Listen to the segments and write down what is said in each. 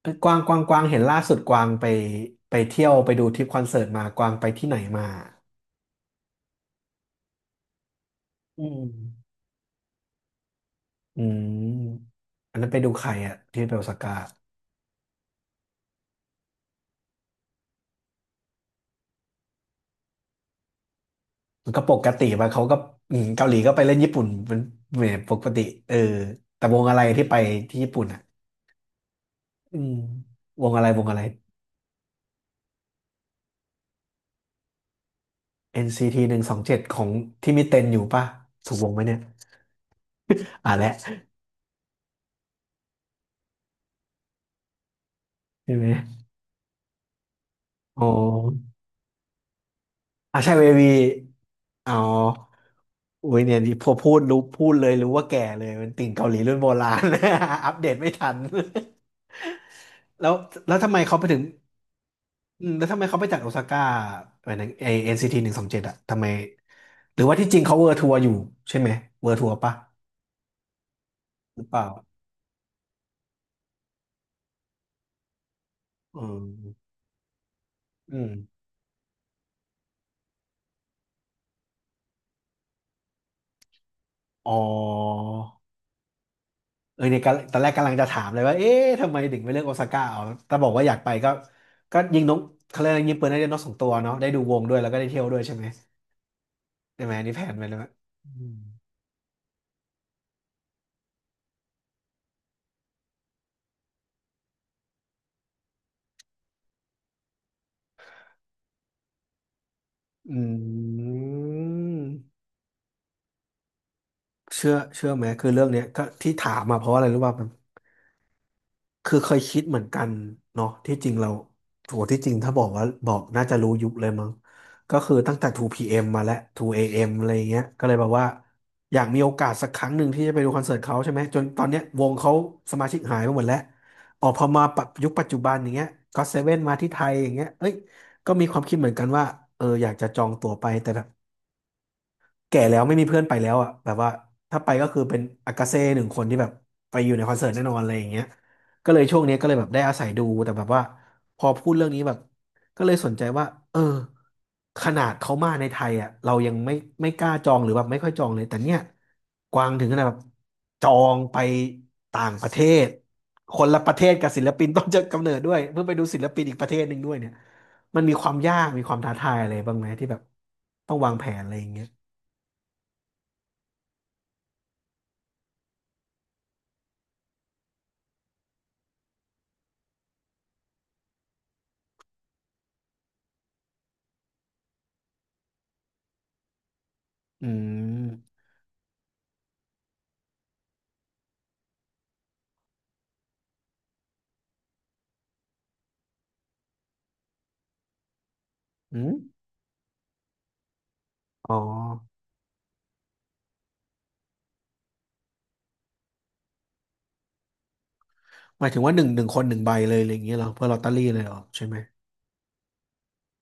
เอ้ยกวางเห็นล่าสุดกวางไปเที่ยวไปดูทริปคอนเสิร์ตมากวางไปที่ไหนมาอืมอืมอันนั้นไปดูใครอะที่ไปโอซาก้ามันก็ปกติไปะเขาก็อืมเกาหลีก็ไปเล่นญี่ปุ่นเป็นเหมือนปกติเออแต่วงอะไรที่ไปที่ญี่ปุ่นอะอืมวงอะไร NCT 127ของที่มีเต็นอยู่ป่ะถูกวงไหมเนี่ยอ่ะแหละใช่ไหมอ๋ออ่ะใช่เววีอ๋อ อุ้ยเนี่ยนี่พอพูดรู้พูดเลยรู้ว่าแก่เลยเป็นติ่งเกาหลีรุ่นโบราณ อัปเดตไม่ทัน แล้วแล้วทำไมเขาไปถึงอืมแล้วทำไมเขาไปจากโอซาก้าไปหนไอเอ็นซีทีหนึ่งสองเจ็ดอะทำไมหรือว่าที่จริงเขาเวอร์ทัวร์อยู่ใช่ไหมเวอร์ทัวร์ปะหรือเปล่าอืมอืมอ๋อเออเนี่ยกำตอนแรกกำลังจะถามเลยว่าเอ๊ะทำไมถึงไม่เลือกโอซาก้าเอาแต่บอกว่าอยากไปก็ก็ยิงนกเขาเรียกอะไรยิงปืนได้นกสองตัวเนาะได้ดูวงด้วยแล้วก็ได้เที่ยวด้วยใช่ไหมใช่ไหมอันนี่แผนไปแล้วอะอืม อืมเชื่อไหมคือเรื่องเนี้ยก็ที่ถามมาเพราะอะไรรู้ป่ะมันคือเคยคิดเหมือนกันเนาะที่จริงเราโหที่จริงถ้าบอกน่าจะรู้ยุคเลยมั้งก็คือตั้งแต่ 2PM มมาแล้ว 2AM อเอ็มอะไรอย่างเงี้ยก็เลยแบบว่าอยากมีโอกาสสักครั้งหนึ่งที่จะไปดูคอนเสิร์ตเขาใช่ไหมจนตอนเนี้ยวงเขาสมาชิกหายไปหมดแล้วออกพอมาปรับยุคปัจจุบันอย่างเงี้ยก็เซเว่นมาที่ไทยอย่างเงี้ยเอ้ยก็มีความคิดเหมือนกันว่าเอออยากจะจองตั๋วไปแต่ แก่แล้วไม่มีเพื่อนไปแล้วอ่ะแบบว่าถ้าไปก็คือเป็นอากาเซ่หนึ่งคนที่แบบไปอยู่ในคอนเสิร์ตแน่นอนอะไรอย่างเงี้ยก็เลยช่วงนี้ก็เลยแบบได้อาศัยดูแต่แบบว่าพอพูดเรื่องนี้แบบก็เลยสนใจว่าเออขนาดเขามาในไทยอ่ะเรายังไม่ไม่กล้าจองหรือแบบไม่ค่อยจองเลยแต่เนี่ยกวางถึงขนาดแบบจองไปต่างประเทศคนละประเทศกับศิลปินต้นจะกำเนิดด้วยเพื่อไปดูศิลปินอีกประเทศหนึ่งด้วยเนี่ยมันมีความยากมีความท้าทายอะไรบ้างไหมที่แบบต้องวางแผนอะไรอย่างเงี้ย อืมอืมอ๋อหมายถึงว่าหนึ่งคนหนึ่งใบเลยอะไรอย่างเงี้ยเหรอเพื่อลอตเตอรี่เลยเหรอใช่ไหม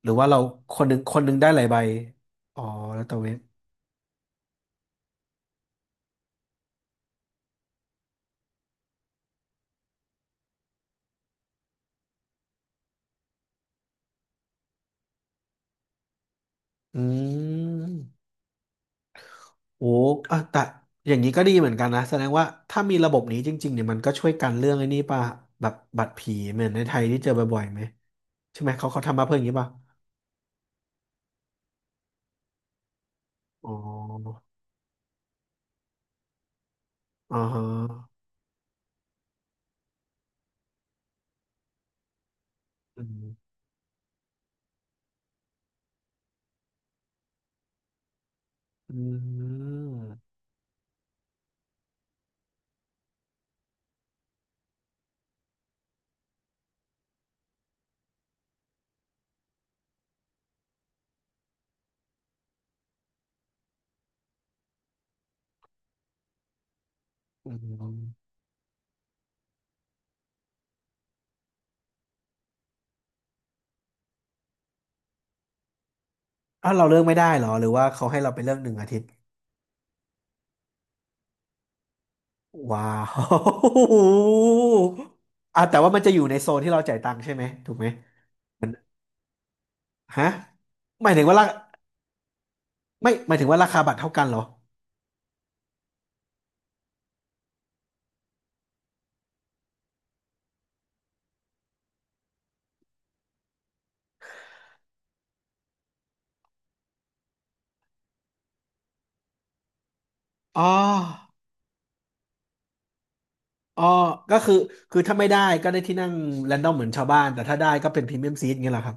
หรือว่าเราคนหนึ่งได้หลายใบอ๋อแล้วแต่เว็บอืมโอ้อ่ะแต่อย่างนี้ก็ดีเหมือนกันนะแสดงว่าถ้ามีระบบนี้จริงๆเนี่ยมันก็ช่วยกันเรื่องไอ้นี่ป่ะแบบบัตรผีเหมือนในไทยที่เจอบ่อยๆไหม ใช่ไหมเขาทำมาเพื่ออย่างนี้ป่ะอ๋ออ๋อฮะอืมอืมอืมอ้าวเราเลือกไม่ได้เหรอหรือว่าเขาให้เราไปเลือกหนึ่งอาทิตย์ ว้าว อ่ะแต่ว่ามันจะอยู่ในโซนที่เราจ่ายตังค์ใช่ไหมถูกไหมมันฮะหมายถึงว่าราไม่หมายถึงว่าราคาบัตรเท่ากันเหรออ๋ออ๋อก็คือถ้าไม่ได้ก็ได้ที่นั่งแรนดอมเหมือนชาวบ้านแต่ถ้าได้ก็เป็นพรีเมียมซีทเงี้ยเหรอครับ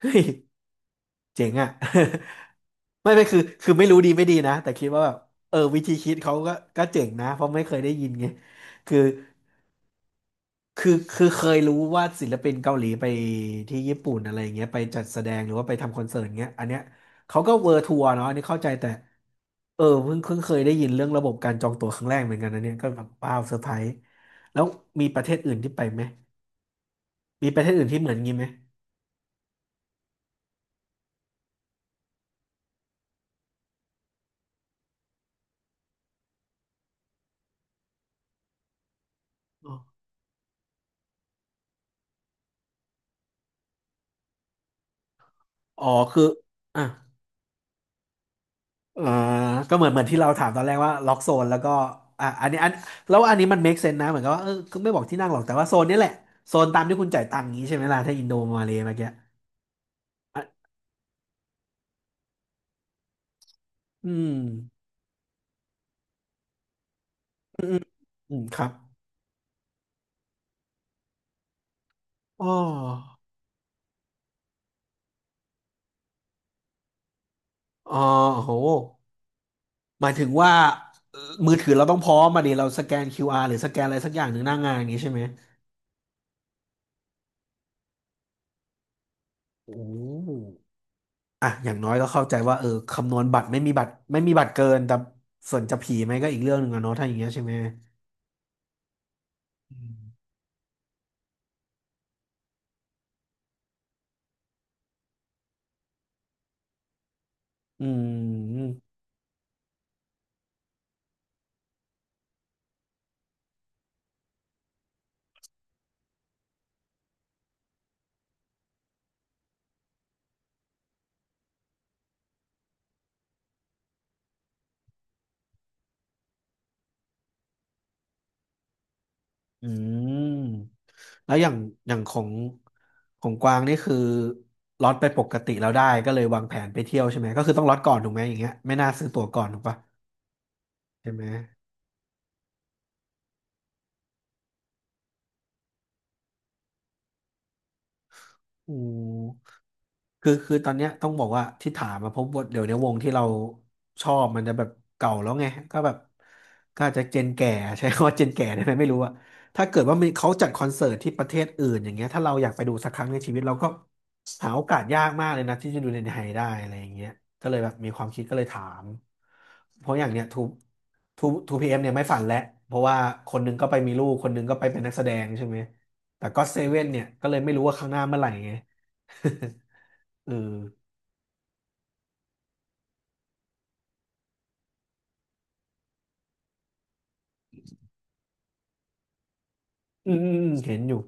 เฮ้ยเจ๋งอ่ะ ไม่ไม่คือไม่รู้ดีไม่ดีนะแต่คิดว่าแบบเออวิธีคิดเขาก็ก็เจ๋งนะเพราะไม่เคยได้ยินไงคือ คือเคยรู้ว่าศิลปินเกาหลีไปที่ญี่ปุ่นอะไรอย่างเงี้ยไปจัดแสดงหรือว่าไปทำคอนเสิร์ตเงี้ยอันเนี้ยเขาก็เวอร์ทัวร์เนาะอันนี้เข้าใจแต่เออเพิ่งเคยได้ยินเรื่องระบบการจองตั๋วครั้งแรกเหมือนกันนะเนี่ยก็แบบว้าวเซอร์ไพรส์แล้วมีประเทศอื่นที่ไปไหมมีประเทศอื่นที่เหมือนงี้ไหมอ๋ออ๋อคืออ่ะเอ่อก็เหมือนที่เราถามตอนแรกว่าล็อกโซนแล้วก็อ่ะอันนี้อันแล้วอันนี้มัน make sense นะเหมือนกับว่าเออก็ไม่บอกที่นั่งหรอกแต่ว่าโซนนี้แหละโซนตามที่คุณจ่ายตังค์นี้ใช่ไหมล่ะถ้าอินโดมาเลย์เมื่อกี้ อืมอืมครับอ๋ออ๋อโหหมายถึงว่าเอ่อมือถือเราต้องพร้อมมาดิเราสแกน QR หรือสแกนอะไรสักอย่างหนึ่งหน้างานอย่างนี้ใช่ไหมโอ้อ่ะอย่างน้อยก็เข้าใจว่าเออคำนวณบัตรไม่มีบัตรเกินแต่ส่วนจะผีไหมก็อีกเรื่องหนึ่งอะเนาะถ้าอย่างเงี้ยใช่ไหมอืมอืมอืมแล้วอย่างของกวางนี่คือล็อตไปปกติแล้วได้ก็เลยวางแผนไปเที่ยวใช่ไหมก็คือต้องล็อตก่อนถูกไหมอย่างเงี้ยไม่น่าซื้อตั๋วก่อนถูกปะ ใช่ไหมอืมคือตอนเนี้ยต้องบอกว่าที่ถามมาเพบว่าเดี๋ยวเนี้ยวงที่เราชอบมันจะแบบเก่าแล้วไงก็แบบก็อาจจะเจนแก่ ใช้คำว่าเจนแก่ได้ไหมไม่รู้อะถ้าเกิดว่ามีเขาจัดคอนเสิร์ตที่ประเทศอื่นอย่างเงี้ยถ้าเราอยากไปดูสักครั้งในชีวิตเราก็หาโอกาสยากมากเลยนะที่จะดูในไทยได้อะไรอย่างเงี้ยก็เลยแบบมีความคิดก็เลยถามเพราะอย่างเนี้ยทูพีเอ็มเนี่ยไม่ฝันแล้วเพราะว่าคนหนึงก็ไปมีลูกคนหนึงก็ไปเป็นนักแสดงใช่ไหม แต่ก็เซเว่นเนี่ยก็เลยไม่รู้ว่าข้างหน้าเมื่อไหร่ไง เอออืมอืมอืมเห็นอยู่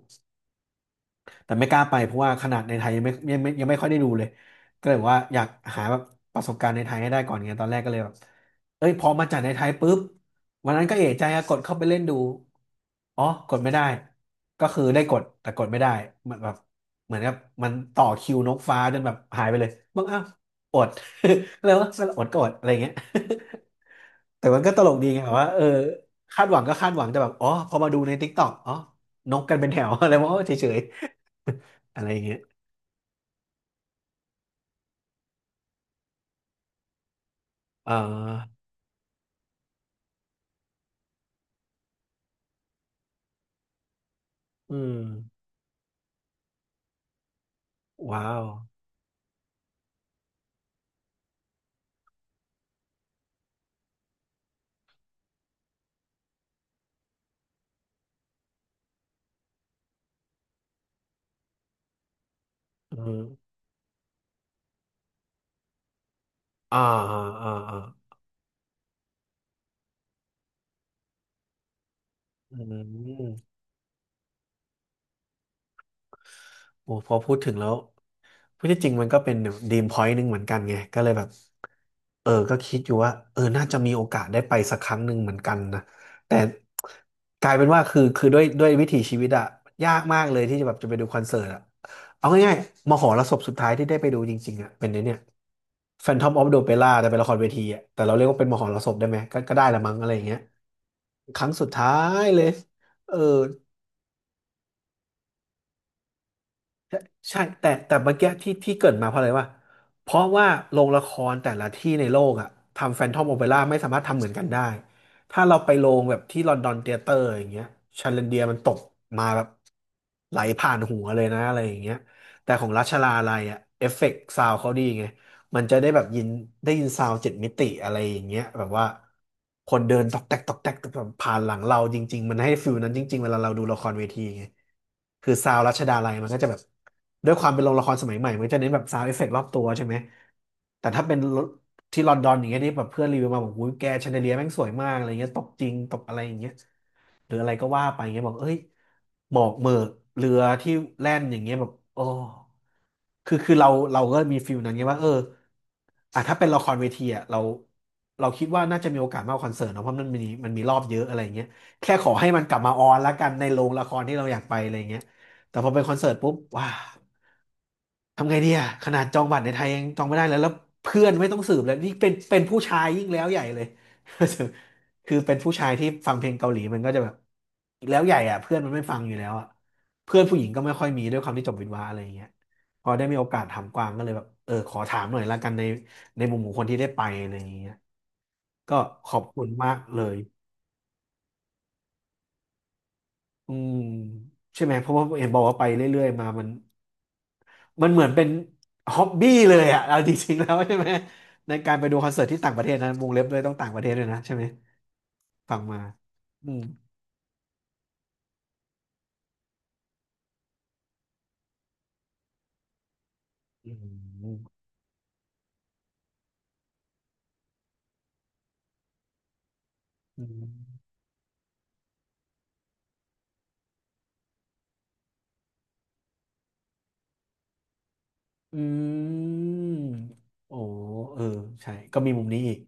แต่ไม่กล้าไปเพราะว่าขนาดในไทยยังไม่ค่อยได้ดูเลยก็เลยบอกว่าอยากหาแบบประสบการณ์ในไทยให้ได้ก่อนไงตอนแรกก็เลยแบบเอ้ยพอมาจากในไทยปุ๊บวันนั้นก็เอะใจอะกดเข้าไปเล่นดูอ๋อกดไม่ได้ก็คือได้กดแต่กดไม่ได้เหมือนแบบเหมือนกับมันต่อคิวนกฟ้าจนแบบหายไปเลยบอกอ้าวอด ก็เลยว่าอดก็อดอะไรอย่างเงี้ย แต่มันก็ตลกดีไงแบบว่าเออคาดหวังก็คาดหวังแต่แบบอ๋อพอมาดูใน t ิ k ตอกอ๋อนกกันเป็นแถว อะไรวะเฉย อะไรอย่างเงี้ยเอ่อืมว้าวอืมอ่าอ่าอ่าอืม โอ้พอพูดถึงแล้วพูดที่จริงมันก็เป็นดีมพอยต์หนึ่งเหมือนกันไงก็เลยแบบเออก็คิดอยู่ว่าเออน่าจะมีโอกาสได้ไปสักครั้งหนึ่งเหมือนกันนะแต่กลายเป็นว่าคือด้วยวิถีชีวิตอะยากมากเลยที่จะแบบจะไปดูคอนเสิร์ตอะเอาง่ายๆมหรสพสุดท้ายที่ได้ไปดูจริงๆอะเป็นไอ้เนี่ย Phantom of the Opera แต่เป็นละครเวทีอะแต่เราเรียกว่าเป็นมหรสพได้ไหมก็ได้ละมั้งอะไรอย่างเงี้ยครั้งสุดท้ายเลยเออ ใช่แต่เมื่อกี้ที่เกริดมาเพราะอะไรวะเพราะว่าโรงละครแต่ละที่ในโลกอะทำแฟนทอมโอเปร่าไม่สามารถทำเหมือนกันได้ถ้าเราไปโรงแบบที่ลอนดอนเธียเตอร์อย่างเงี้ยชาเลนเดียมันตกมาแบบไหลผ่านหัวเลยนะอะไรอย่างเงี้ยแต่ของราชาลาลัยอะเอฟเฟกต์ซาวเขาดีไง มันจะได้แบบได้ยินซาวด์เจ็ดมิติอะไรอย่างเงี้ยแบบว่าคนเดินตอกแตกตอกแตกแบบผ่านหลังเราจริงๆมันให้ฟิลนั้นจริงๆเวลาเราดูละครเวทีไงคือซาวด์รัชดาลัยมันก็จะแบบด้วยความเป็นโรงละครสมัยใหม่มันก็จะเน้นแบบซาวด์เอฟเฟกต์รอบตัวใช่ไหมแต่ถ้าเป็นที่ลอนดอนอย่างเงี้ยนี่แบบเพื่อนรีวิวมาบอกอุ้ยแกแชนเดเลียแม่งสวยมากอะไรเงี้ยตกจริงตกอะไรอย่างเงี้ย หรืออะไรก็ว่าไปเงี้ยบอกเอ้ยหมอกเหมือกเรือที่แล่นอย่างเงี้ยแบบโอ้คือเราก็มีฟิลนั้นไงว่าเอออ่ะถ้าเป็นละครเวทีอ่ะเราคิดว่าน่าจะมีโอกาสมากกว่าคอนเสิร์ตเนอะเพราะมันมีรอบเยอะอะไรเงี้ยแค่ขอให้มันกลับมาออนละกันในโรงละครที่เราอยากไปอะไรเงี้ยแต่พอเป็นคอนเสิร์ตปุ๊บว้า ทำไงดีอะขนาดจองบัตรในไทยยังจองไม่ได้เลยแล้วเพื่อนไม่ต้องสืบเลยนี่เป็นผู้ชายยิ่งแล้วใหญ่เลย คือเป็นผู้ชายที่ฟังเพลงเกาหลีมันก็จะแบบีแล้วใหญ่อะเพื่อนมันไม่ฟังอยู่แล้วอะเพื่อนผู้หญิงก็ไม่ค่อยมีด้วยความที่จบวิศวะอะไรอย่างเงี้ยพอได้มีโอกาสถามกวางก็เลยแบบเออขอถามหน่อยละกันในในมุมของคนที่ได้ไปอะไรอย่างเงี้ยก็ขอบคุณมากเลย อืมใช่ไหมเพราะว่าเห็นบอกว่าไปเรื่อยๆมามันมันเหมือนเป็นฮ็อบบี้เลยอะเอา จริงๆแล้วใช่ไหมในการไปดูคอนเสิร์ตที่ต่างประเทศนะวงเล็บเลยต้องต่างประเทศด้วยนะใช่ไหมฟังมาอืมอืมอืม อืมโอ้เออใช่ก็มีมุมนี้อีก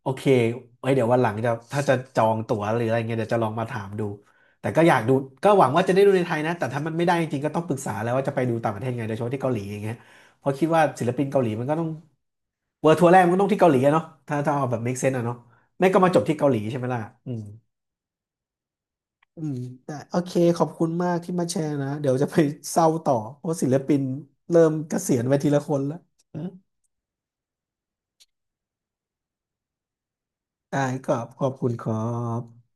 โอเคไว้เดี๋ยววันหลังจะถ้าจะจองตั๋วหรืออะไรเงี้ยเดี๋ยวจะลองมาถามดูแต่ก็อยากดู ก็หวังว่าจะได้ดูในไทยนะ แต่ถ้ามันไม่ได้จริงๆก็ต้องปรึกษาแล้วว่าจะไปดูต่างประเทศไงโดยเฉพาะที่เกาหลีอย่างเงี้ยเพราะคิดว่าศิลปินเกาหลีมันก็ต้องเวิร์ทัวร์แรกมันก็ต้องที่เกาหลีอะเนาะถ้าเอาแบบ make sense อะเนาะไม่ก็มาจบที่เกาหลีใช่ไหมล่ะอืมอืมแต่โอเคขอบคุณมากที่มาแชร์นะเดี๋ยวจะไปเศร้าต่อเพราะศิลปินเริ่มเกษียณไปทีละคนแล้ว ได้ก็ขอบคุณครับ